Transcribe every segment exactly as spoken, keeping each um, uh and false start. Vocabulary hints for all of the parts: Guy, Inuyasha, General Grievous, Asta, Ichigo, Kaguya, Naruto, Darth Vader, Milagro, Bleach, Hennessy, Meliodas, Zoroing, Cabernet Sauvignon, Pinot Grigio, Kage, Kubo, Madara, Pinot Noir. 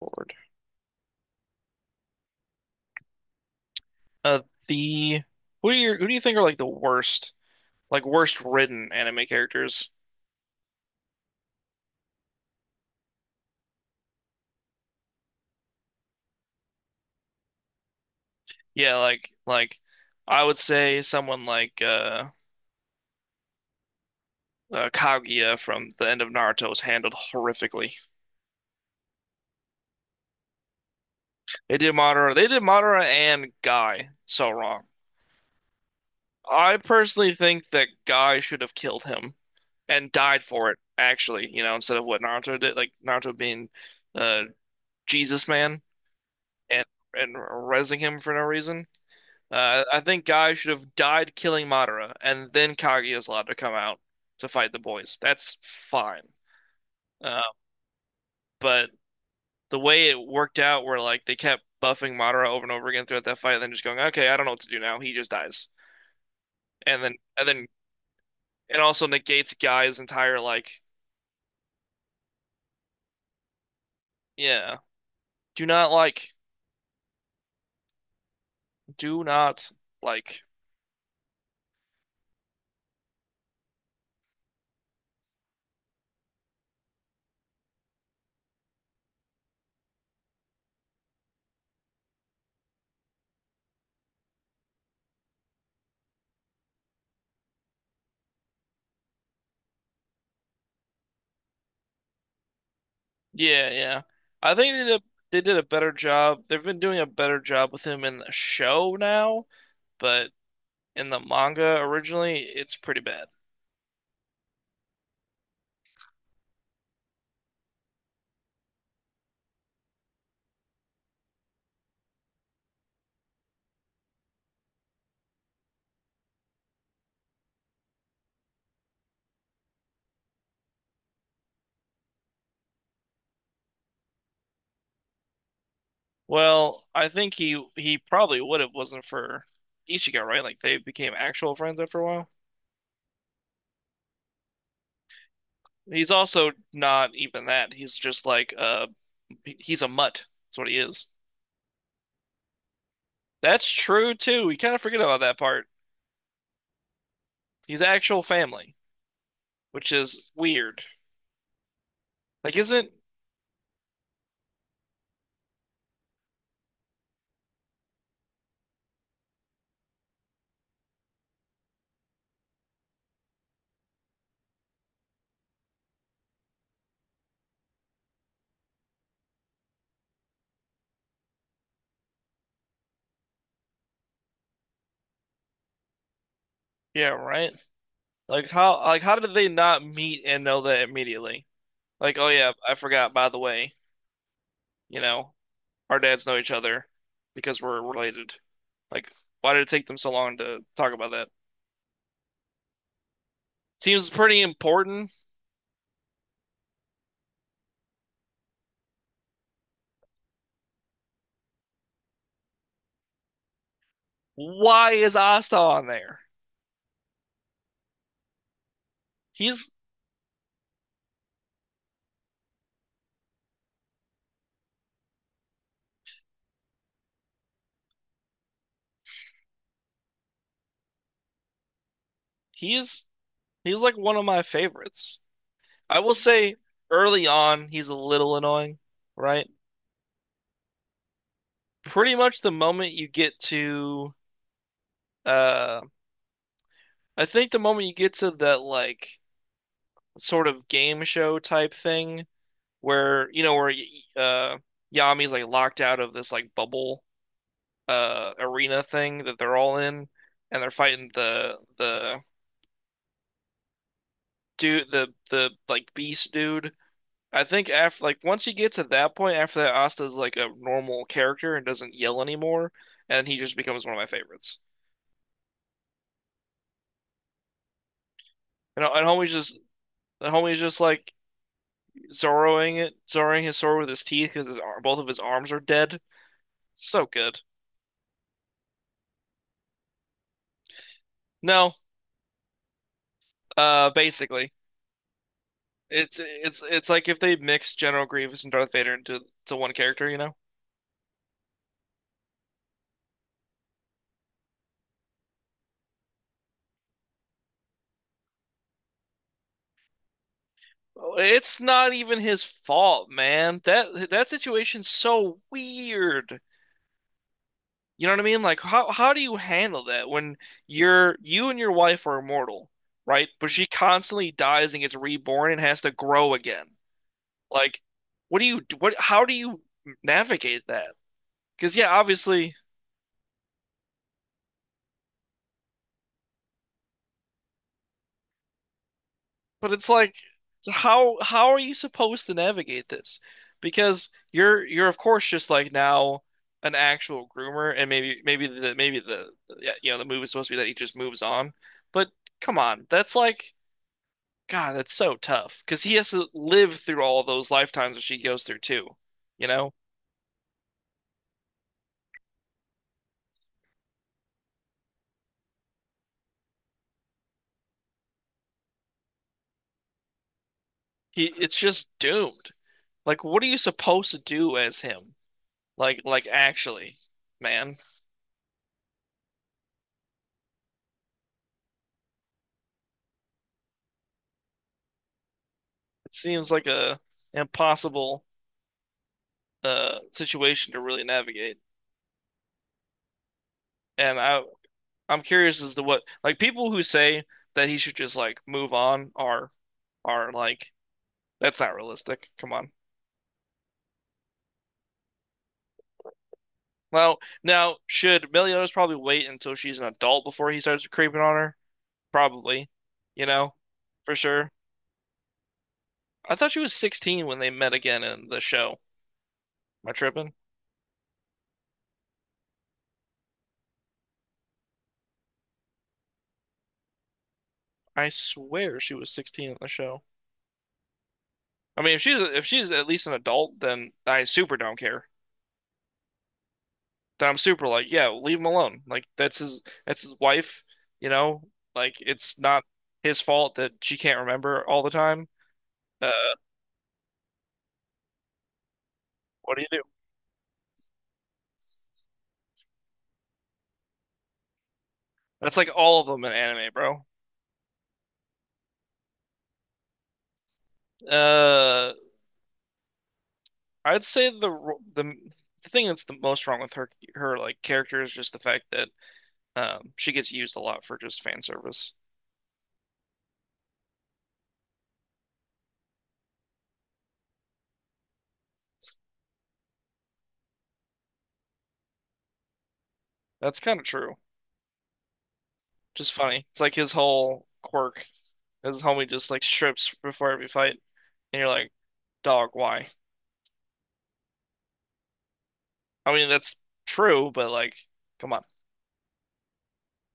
Lord. Uh, the who do you who do you think are like the worst, like worst written anime characters? Yeah, like like I would say someone like uh, uh Kaguya from the end of Naruto was handled horrifically. They did Madara, they did Madara and Guy so wrong. I personally think that Guy should have killed him and died for it, actually, you know, instead of what Naruto did, like Naruto being uh Jesus man and and rezzing him for no reason. Uh, I think Guy should have died killing Madara, and then Kage is allowed to come out to fight the boys. That's fine. Uh, but the way it worked out, where like they kept buffing Madara over and over again throughout that fight, and then just going, "Okay, I don't know what to do now." He just dies, and then and then it also negates Guy's entire like, yeah, do not like, do not like, yeah, yeah. I think they did a, they did a better job. They've been doing a better job with him in the show now, but in the manga originally, it's pretty bad. Well, I think he he probably would have wasn't for Ichigo, right? Like they became actual friends after a while. He's also not even that. He's just like uh he's a mutt. That's what he is. That's true too. We kind of forget about that part. He's actual family, which is weird. Like isn't yeah, right? Like how like how did they not meet and know that immediately? Like, oh yeah, I forgot, by the way, you know, our dads know each other because we're related. Like, why did it take them so long to talk about that? Seems pretty important. Why is Asta on there? He's he's he's like one of my favorites. I will say early on he's a little annoying, right? Pretty much the moment you get to uh I think the moment you get to that like sort of game show type thing where you know where uh Yami's like locked out of this like bubble uh arena thing that they're all in, and they're fighting the the dude the the like beast dude. I think after like once you get to that point, after that, Asta's like a normal character and doesn't yell anymore, and he just becomes one of my favorites. And and homie's just the homie's just like Zoroing it, Zoroing his sword with his teeth because his ar both of his arms are dead. So good. No, uh, basically, it's it's it's like if they mixed General Grievous and Darth Vader into to one character, you know? It's not even his fault, man. That that situation's so weird. You know what I mean? Like how how do you handle that when you're you and your wife are immortal, right? But she constantly dies and gets reborn and has to grow again. Like, what do you what how do you navigate that? Because yeah, obviously, but it's like, how how are you supposed to navigate this? Because you're you're of course just like now an actual groomer, and maybe maybe the maybe the yeah, you know the move is supposed to be that he just moves on. But come on, that's like God, that's so tough because he has to live through all of those lifetimes that she goes through too. You know, he it's just doomed. Like, what are you supposed to do as him? Like, like actually, man, it seems like a impossible uh situation to really navigate. And I I'm curious as to what like people who say that he should just like move on are are like that's not realistic. Come on. Well, now should Meliodas probably wait until she's an adult before he starts creeping on her? Probably. You know, for sure. I thought she was sixteen when they met again in the show. Am I tripping? I swear she was sixteen in the show. I mean, if she's if she's at least an adult, then I super don't care. That I'm Super, like, yeah, leave him alone. Like that's his that's his wife, you know? Like it's not his fault that she can't remember all the time. Uh, what do you do? That's like all of them in anime, bro. Uh, I'd say the the the thing that's the most wrong with her her like character is just the fact that um she gets used a lot for just fan service. That's kind of true. Just funny. It's like his whole quirk. His homie just like strips before every fight, and you're like, dog, why? I mean, that's true, but like, come on.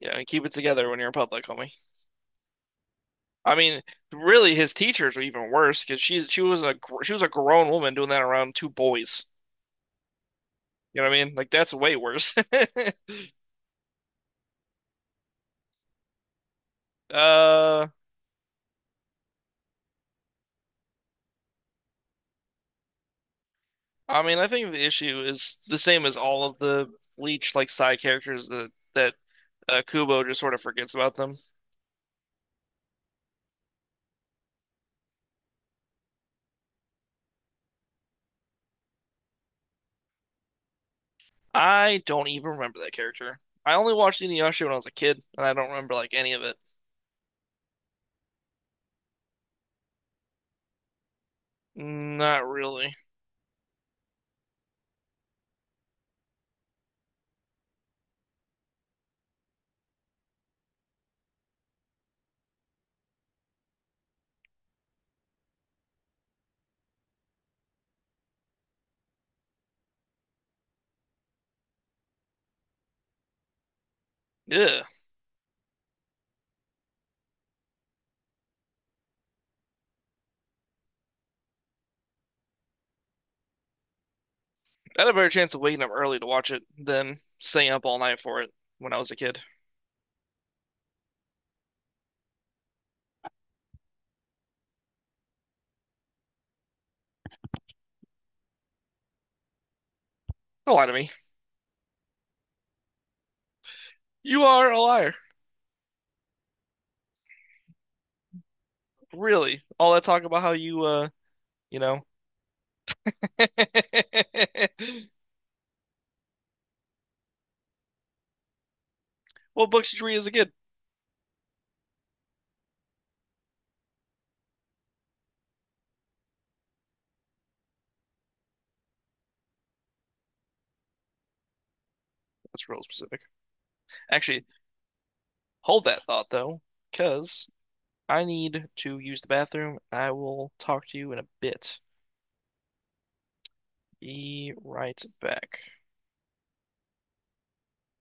Yeah, keep it together when you're in public, homie. I mean, really, his teachers were even worse because she's she was a gr- she was a grown woman doing that around two boys. You know what I mean? Like that's way worse. Uh, I mean, I think the issue is the same as all of the Bleach like side characters that that uh, Kubo just sort of forgets about them. I don't even remember that character. I only watched Inuyasha when I was a kid, and I don't remember like any of it. Not really. Yeah. I had a better chance of waking up early to watch it than staying up all night for it when I was a kid. Don't lie to me. You are a liar. Really? All that talk about how you, uh, you know. What books did you read as a kid? That's real specific. Actually, hold that thought though, because I need to use the bathroom. I will talk to you in a bit. Be right back.